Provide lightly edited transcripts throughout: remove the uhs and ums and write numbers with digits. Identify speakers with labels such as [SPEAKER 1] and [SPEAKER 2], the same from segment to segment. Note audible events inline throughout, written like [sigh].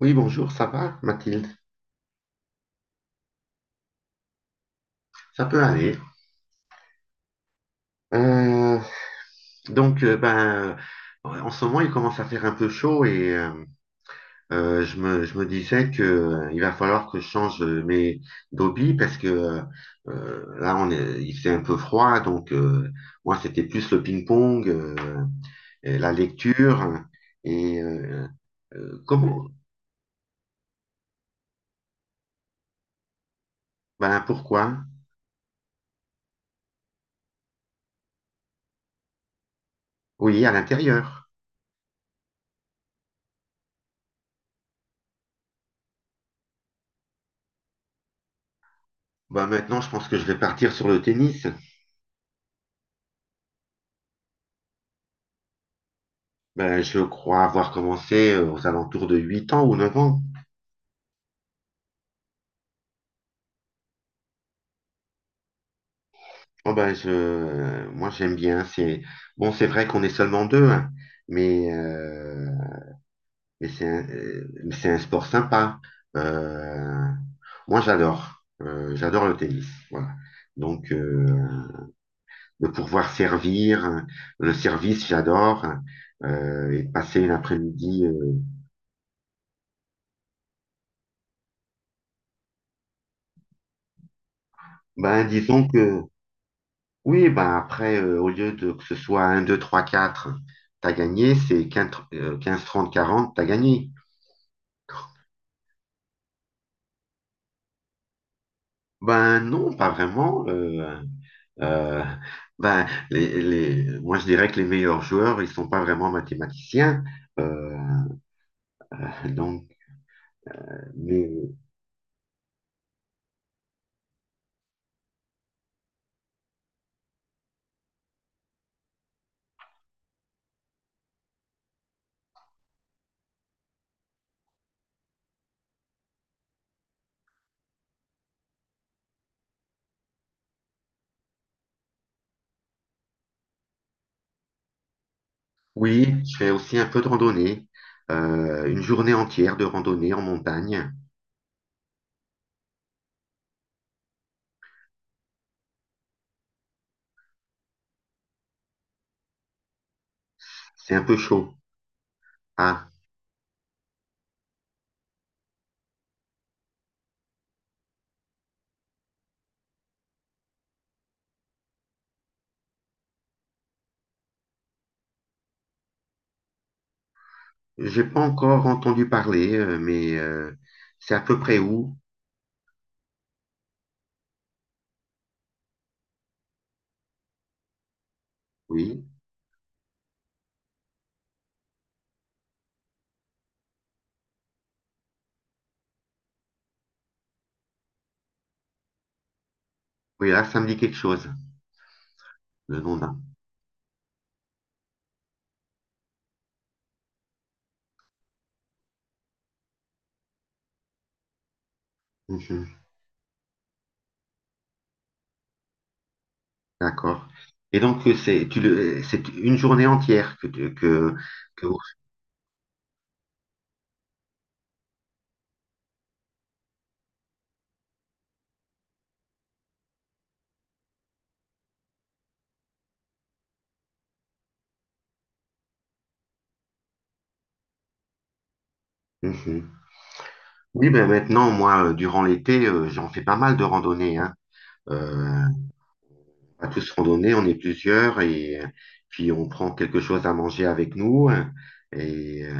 [SPEAKER 1] Oui, bonjour, ça va, Mathilde? Ça peut aller. Euh, donc, ben, en ce moment, il commence à faire un peu chaud et je me disais que il va falloir que je change mes d'hobby parce que là, il fait un peu froid, donc moi, c'était plus le ping-pong, et la lecture et comment? Ben, pourquoi? Oui, à l'intérieur. Ben, maintenant, je pense que je vais partir sur le tennis. Ben, je crois avoir commencé aux alentours de 8 ans ou 9 ans. Oh, ben, moi, j'aime bien. Bon, c'est vrai qu'on est seulement deux, hein, mais, euh, mais c'est un sport sympa. Euh, moi, j'adore. J'adore le tennis. Voilà. Donc, de pouvoir servir, hein, le service, j'adore, hein, et passer une après-midi. Ben, disons que. Oui, ben après, au lieu de que ce soit un 2 3 4 t'as gagné, c'est 15 15, 30, 40, t'as gagné. Ben non, pas vraiment. Euh, ben, moi, je dirais que les meilleurs joueurs, ils sont pas vraiment mathématiciens. euh, donc, mais oui, je fais aussi un peu de randonnée. Une journée entière de randonnée en montagne. C'est un peu chaud. Ah, j'ai pas encore entendu parler, mais c'est à peu près où? Oui. Oui, là, ça me dit quelque chose, le nom d'un. Mhm. D'accord. Et donc, c'est une journée entière que vous... Mhm. Oui, ben maintenant, moi, durant l'été, j'en fais pas mal de randonnées, hein. Euh, on va tous randonner, on est plusieurs, et puis on prend quelque chose à manger avec nous, hein. Et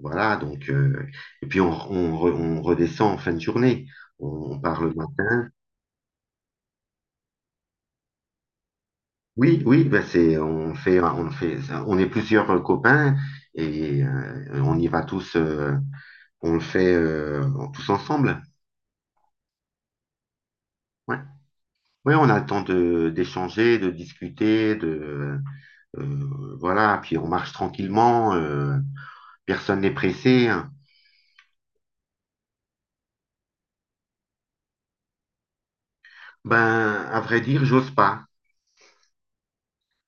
[SPEAKER 1] voilà, donc, et puis on redescend en fin de journée. On, on part le matin. Oui, oui, on est plusieurs copains et on y va tous, on le fait tous ensemble. Ouais. Oui, on a le temps de d'échanger, de discuter, de voilà, puis on marche tranquillement, personne n'est pressé, hein. Ben, à vrai dire, j'ose pas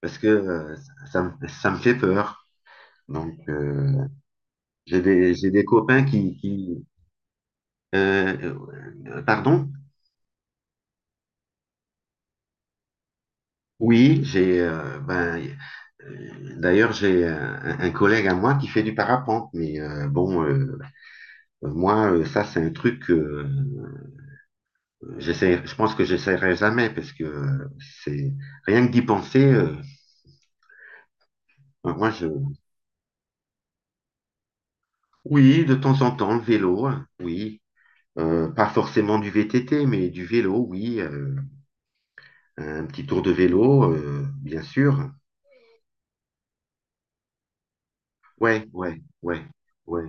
[SPEAKER 1] parce que ça me fait peur. Donc, j'ai des copains qui, euh, pardon? Oui, j'ai d'ailleurs j'ai un collègue à moi qui fait du parapente, mais bon moi ça c'est un truc que je pense que j'essaierai jamais parce que c'est rien que d'y penser. Ben, moi je, oui, de temps en temps le vélo, hein, oui. Pas forcément du VTT mais du vélo, oui, un petit tour de vélo, bien sûr. Ouais, ouais, ouais, ouais.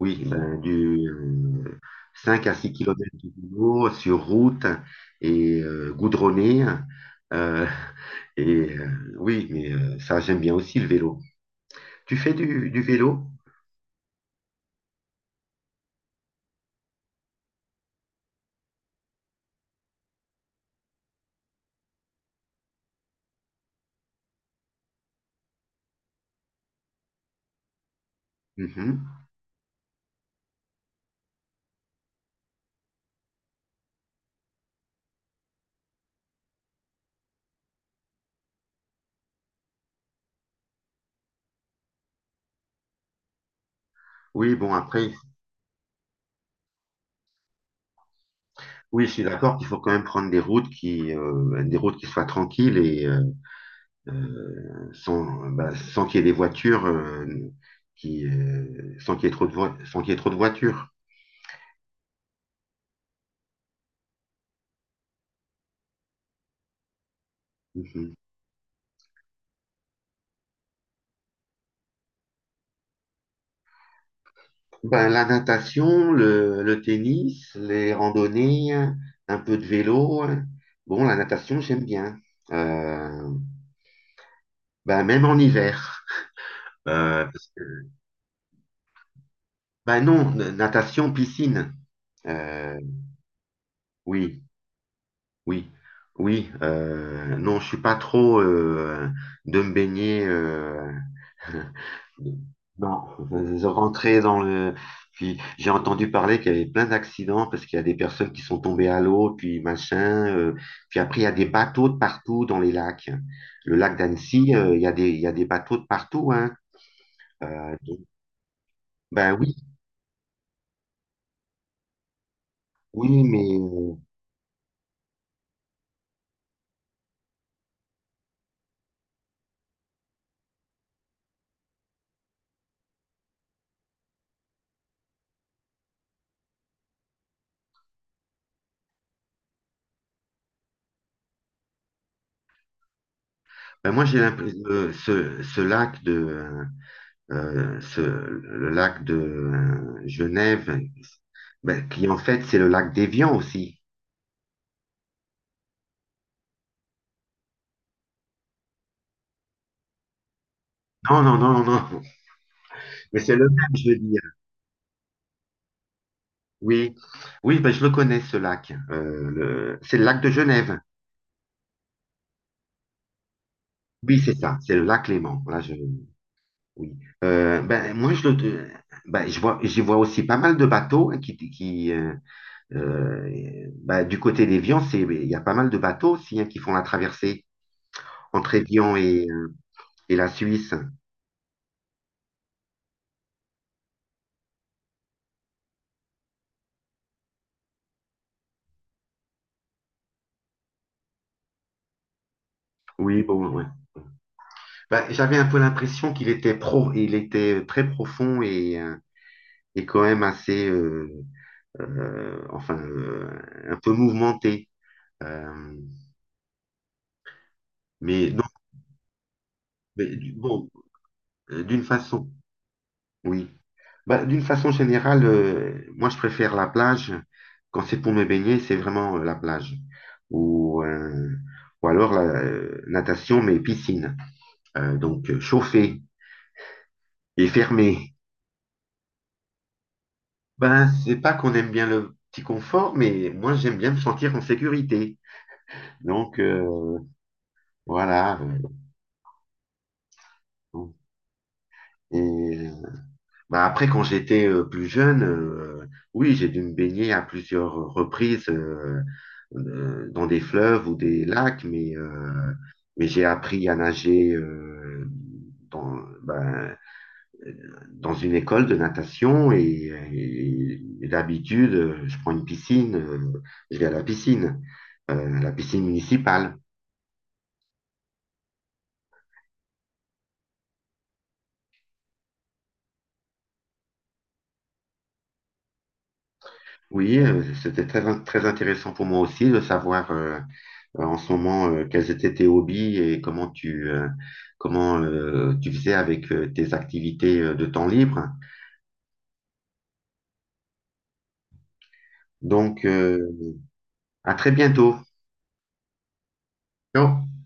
[SPEAKER 1] Oui, ben, du 5 à 6 kilomètres de vélo sur route et goudronné. euh, [laughs] et oui, mais ça, j'aime bien aussi le vélo. Tu fais du vélo? Mhm. Oui, bon, après, oui, je suis d'accord qu'il faut quand même prendre des routes qui soient tranquilles et sans, bah, sans qu'il y ait des voitures, sans qu'il y ait trop de voi- sans qu'il y ait trop de voitures. Mhm. Ben, la natation, le tennis, les randonnées, un peu de vélo, hein. Bon, la natation, j'aime bien. Euh, ben, même en hiver. Euh, ben non, natation, piscine. Euh, oui, oui, oui. Non, je suis pas trop de me baigner. [laughs] Non, je rentrais dans le. Puis j'ai entendu parler qu'il y avait plein d'accidents parce qu'il y a des personnes qui sont tombées à l'eau, puis machin. Puis après, il y a des bateaux de partout dans les lacs. Le lac d'Annecy, il y a des bateaux de partout, hein. Donc, ben oui, oui, mais ben moi j'ai l'impression ce lac de le lac de Genève, ben, qui en fait c'est le lac d'Évian aussi. Non, non, non, non, non. Mais c'est le même, je veux dire. Oui, oui, ben, je le connais ce lac. C'est le lac de Genève. Oui, c'est ça, c'est le lac Léman. Là, je... Oui. Ben, moi, je le... ben, j'y vois aussi pas mal de bateaux, hein, qui ben, du côté d'Évian, il y a pas mal de bateaux aussi, hein, qui font la traversée entre Évian et la Suisse. Oui, bon, ouais. Ben, j'avais un peu l'impression qu'il était il était très profond et quand même assez, enfin, un peu mouvementé. Euh, mais donc, bon, d'une façon, oui. Bah, d'une façon générale, moi je préfère la plage. Quand c'est pour me baigner, c'est vraiment la plage. Ou, euh, ou alors la natation, mais piscine. Donc, chauffée et fermée. Ben, c'est pas qu'on aime bien le petit confort, mais moi j'aime bien me sentir en sécurité. Donc voilà. Euh, Et bah après, quand j'étais plus jeune, oui, j'ai dû me baigner à plusieurs reprises dans des fleuves ou des lacs, mais j'ai appris à nager ben, dans une école de natation et d'habitude, je vais à la piscine municipale. Oui, c'était très, très intéressant pour moi aussi de savoir. En ce moment, quels étaient tes hobbies et comment comment, tu faisais avec tes activités de temps libre. Donc, à très bientôt. Ciao.